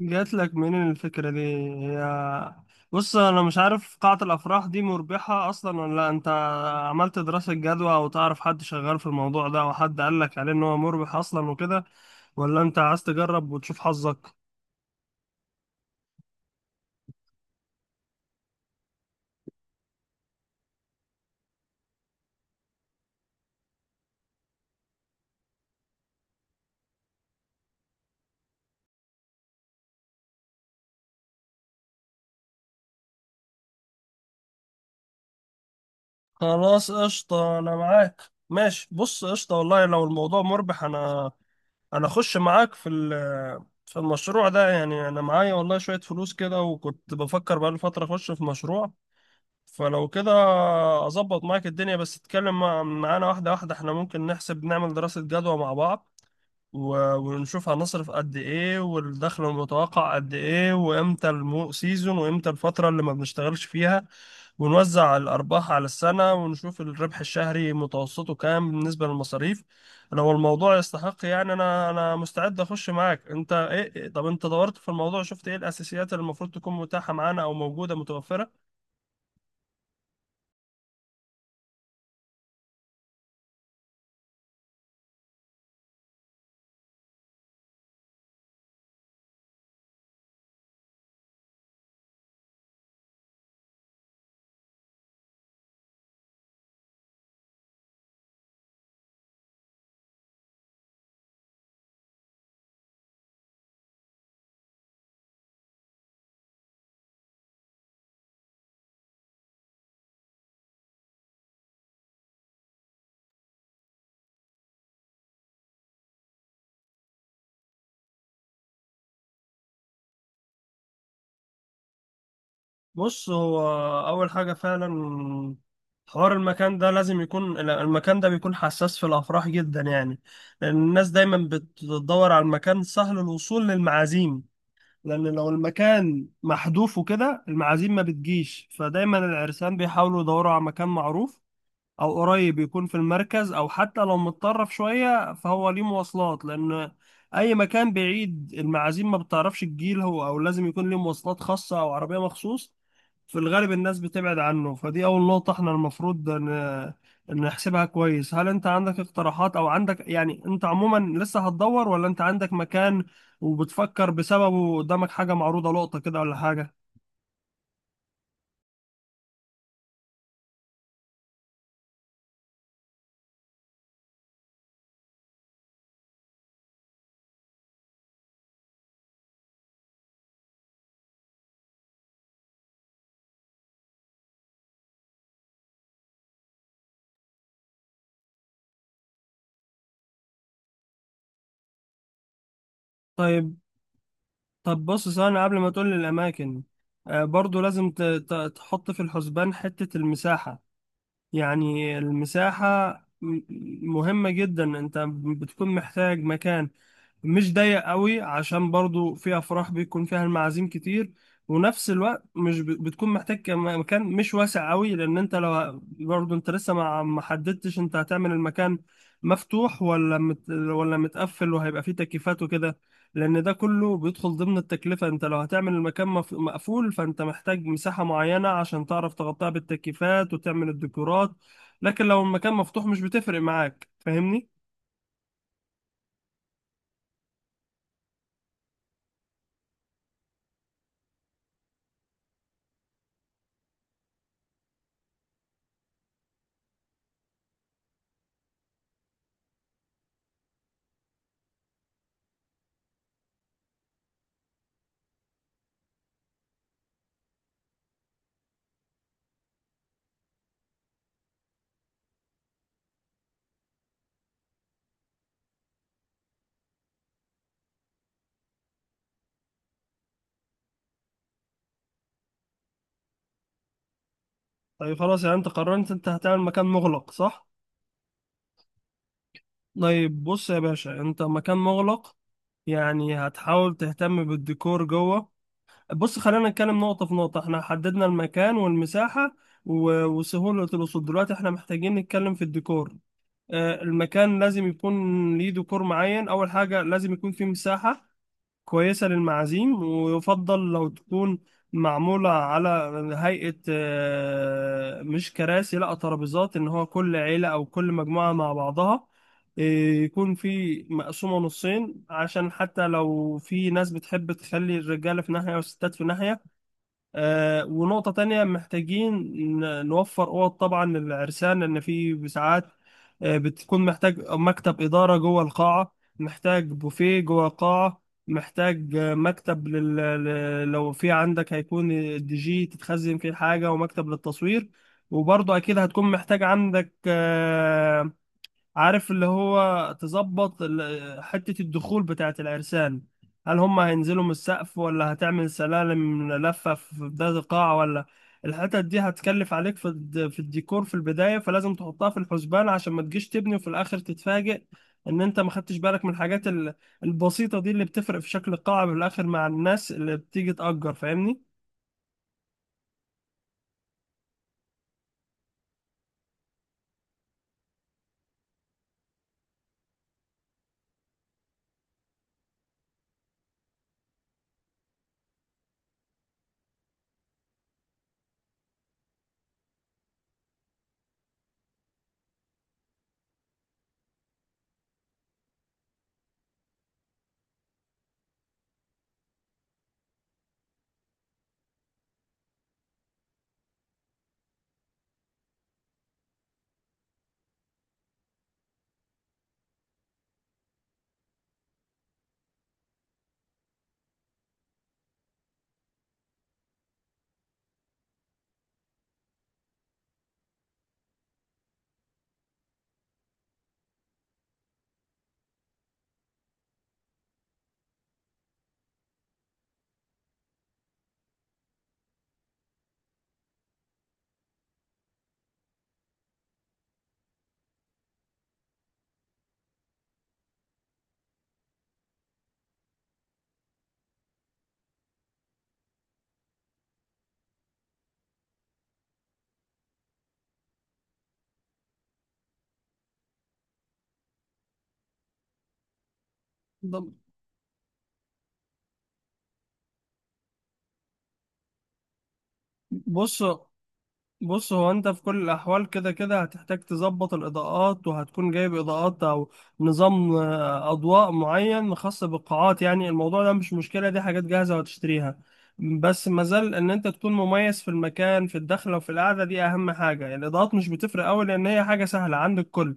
جات لك منين الفكرة دي؟ هي بص، انا مش عارف قاعة الافراح دي مربحة اصلا ولا لا. انت عملت دراسة جدوى، او تعرف حد شغال في الموضوع ده، او حد قال لك عليه ان هو مربح اصلا وكده؟ ولا انت عايز تجرب وتشوف حظك؟ خلاص، قشطة، انا معاك. ماشي، بص، قشطة والله لو الموضوع مربح انا اخش معاك في المشروع ده. يعني انا معايا والله شوية فلوس كده، وكنت بفكر بقالي فترة اخش في مشروع. فلو كده اظبط معاك الدنيا. بس اتكلم معانا واحده واحده. احنا ممكن نحسب نعمل دراسه جدوى مع بعض، و- ونشوف هنصرف قد ايه، والدخل المتوقع قد ايه، وامتى سيزون، وامتى الفتره اللي ما بنشتغلش فيها. ونوزع الارباح على السنه، ونشوف الربح الشهري متوسطه كام بالنسبه للمصاريف. لو الموضوع يستحق يعني انا مستعد اخش معاك. انت ايه؟ طب انت دورت في الموضوع، شفت ايه الاساسيات اللي المفروض تكون متاحه معانا او موجوده متوفره؟ بص هو أول حاجة فعلا، حوار المكان ده. لازم يكون المكان ده بيكون حساس في الأفراح جدا يعني، لأن الناس دايما بتدور على المكان سهل الوصول للمعازيم. لأن لو المكان محذوف وكده، المعازيم ما بتجيش. فدايما العرسان بيحاولوا يدوروا على مكان معروف، أو قريب، يكون في المركز، أو حتى لو متطرف شوية فهو ليه مواصلات. لأن أي مكان بعيد، المعازيم ما بتعرفش تجيله، أو لازم يكون ليه مواصلات خاصة أو عربية مخصوص، في الغالب الناس بتبعد عنه. فدي أول نقطة احنا المفروض نحسبها كويس. هل أنت عندك اقتراحات، أو عندك يعني، أنت عموما لسه هتدور، ولا أنت عندك مكان وبتفكر بسببه، قدامك حاجة معروضة لقطة كده، ولا حاجة؟ طيب. بص ثانية قبل ما تقول لي الأماكن، برضو لازم تحط في الحسبان حتة المساحة. يعني المساحة م- مهمة جدا. أنت بتكون محتاج مكان مش ضيق قوي عشان برضو فيها افراح بيكون فيها المعازيم كتير. ونفس الوقت مش بتكون محتاج مكان مش واسع قوي. لان انت لو برضو انت لسه ما حددتش انت هتعمل المكان مفتوح ولا مت ولا متقفل، وهيبقى فيه تكييفات وكده. لان ده كله بيدخل ضمن التكلفة. انت لو هتعمل المكان مقفول، فانت محتاج مساحة معينة عشان تعرف تغطيها بالتكييفات وتعمل الديكورات. لكن لو المكان مفتوح مش بتفرق معاك، فاهمني؟ طيب خلاص، يعني انت قررت انت هتعمل مكان مغلق، صح؟ طيب بص يا باشا، انت مكان مغلق يعني هتحاول تهتم بالديكور جوه. بص خلينا نتكلم نقطة في نقطة. احنا حددنا المكان والمساحة و- وسهولة الوصول. دلوقتي احنا محتاجين نتكلم في الديكور. المكان لازم يكون ليه ديكور معين. اول حاجة لازم يكون فيه مساحة كويسة للمعازيم، ويفضل لو تكون معمولة على هيئة، مش كراسي، لا ترابيزات، إن هو كل عيلة أو كل مجموعة مع بعضها. آه، يكون في مقسومة نصين عشان حتى لو في ناس بتحب تخلي الرجالة في ناحية والستات في ناحية. ونقطة تانية، محتاجين نوفر أوض طبعا للعرسان، لأن في ساعات بتكون محتاج مكتب إدارة جوه القاعة، محتاج بوفيه جوه القاعة، محتاج مكتب لو في عندك هيكون الدي جي تتخزن فيه الحاجة، ومكتب للتصوير. وبرضه أكيد هتكون محتاج عندك، عارف اللي هو، تظبط حتة الدخول بتاعة العرسان. هل هم هينزلوا من السقف، ولا هتعمل سلالم لفة في بداية القاعة؟ ولا الحتت دي هتكلف عليك في الديكور في البداية، فلازم تحطها في الحسبان عشان ما تجيش تبني وفي الآخر تتفاجئ إن أنت ما خدتش بالك من الحاجات البسيطة دي اللي بتفرق في شكل القاعة في الآخر مع الناس اللي بتيجي تأجر، فاهمني؟ ده- بص بص هو انت في كل الاحوال كده كده هتحتاج تظبط الاضاءات، وهتكون جايب اضاءات او نظام، اضواء معين خاص بالقاعات. يعني الموضوع ده مش مشكلة، دي حاجات جاهزة وهتشتريها. بس مازال ان انت تكون مميز في المكان، في الدخلة وفي القعدة، دي اهم حاجة. يعني الاضاءات مش بتفرق قوي لان هي حاجة سهلة عند الكل.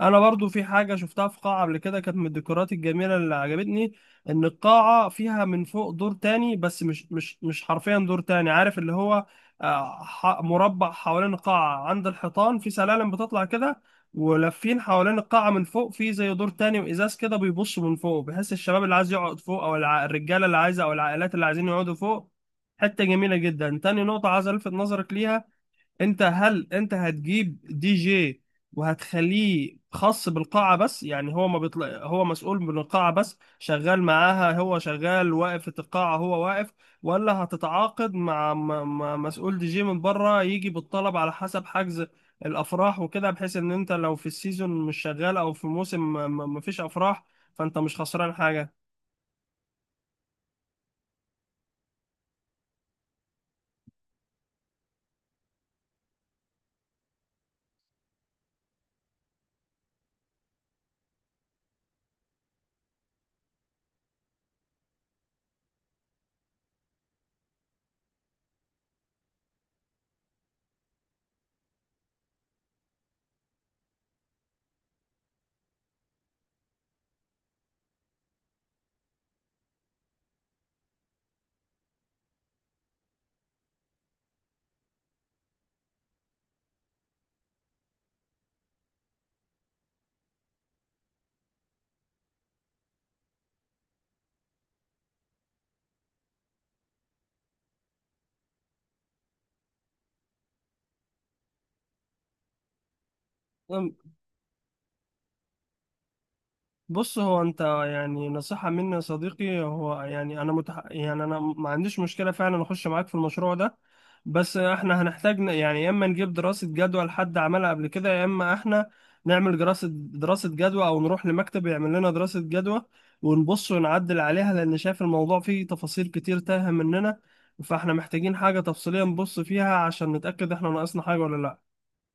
انا برضو في حاجة شفتها في قاعة قبل كده، كانت من الديكورات الجميلة اللي عجبتني، ان القاعة فيها من فوق دور تاني، بس مش حرفيا دور تاني. عارف اللي هو، مربع حوالين القاعة عند الحيطان، في سلالم بتطلع كده ولافين حوالين القاعة من فوق، في زي دور تاني وإزاز كده بيبص من فوق، بحيث الشباب اللي عايز يقعد فوق، أو الرجالة اللي عايزة، أو العائلات اللي عايزين يقعدوا فوق. حتة جميلة جدا. تاني نقطة عايز ألفت نظرك ليها، انت هل انت هتجيب دي جي وهتخليه خاص بالقاعة بس، يعني هو ما بيطلع، هو مسؤول من القاعة بس، شغال معاها، هو شغال واقف في القاعة، هو واقف. ولا هتتعاقد مع مع مسؤول دي جي من بره، يجي بالطلب على حسب حجز الافراح وكده، بحيث ان انت لو في السيزون مش شغال او في موسم ما فيش افراح، فانت مش خسران حاجة. بص هو انت، يعني نصيحة مني يا صديقي، هو يعني انا يعني انا ما عنديش مشكلة فعلا اخش معاك في المشروع ده. بس احنا هنحتاج يعني يا اما نجيب دراسة جدوى لحد عملها قبل كده، يا اما احنا نعمل دراسة جدوى، او نروح لمكتب يعمل لنا دراسة جدوى ونبص ونعدل عليها، لان شايف الموضوع فيه تفاصيل كتير تاهة مننا. فاحنا محتاجين حاجة تفصيلية نبص فيها عشان نتأكد احنا ناقصنا حاجة ولا لا.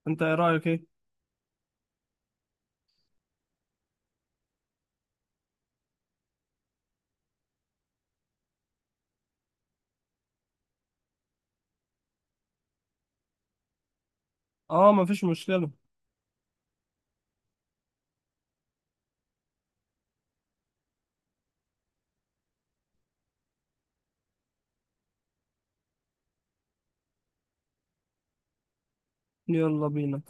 انت ايه رأيك ايه؟ اه، مفيش مشكلة. يلا بينا.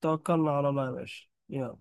توكلنا على الله يا باشا، يلا.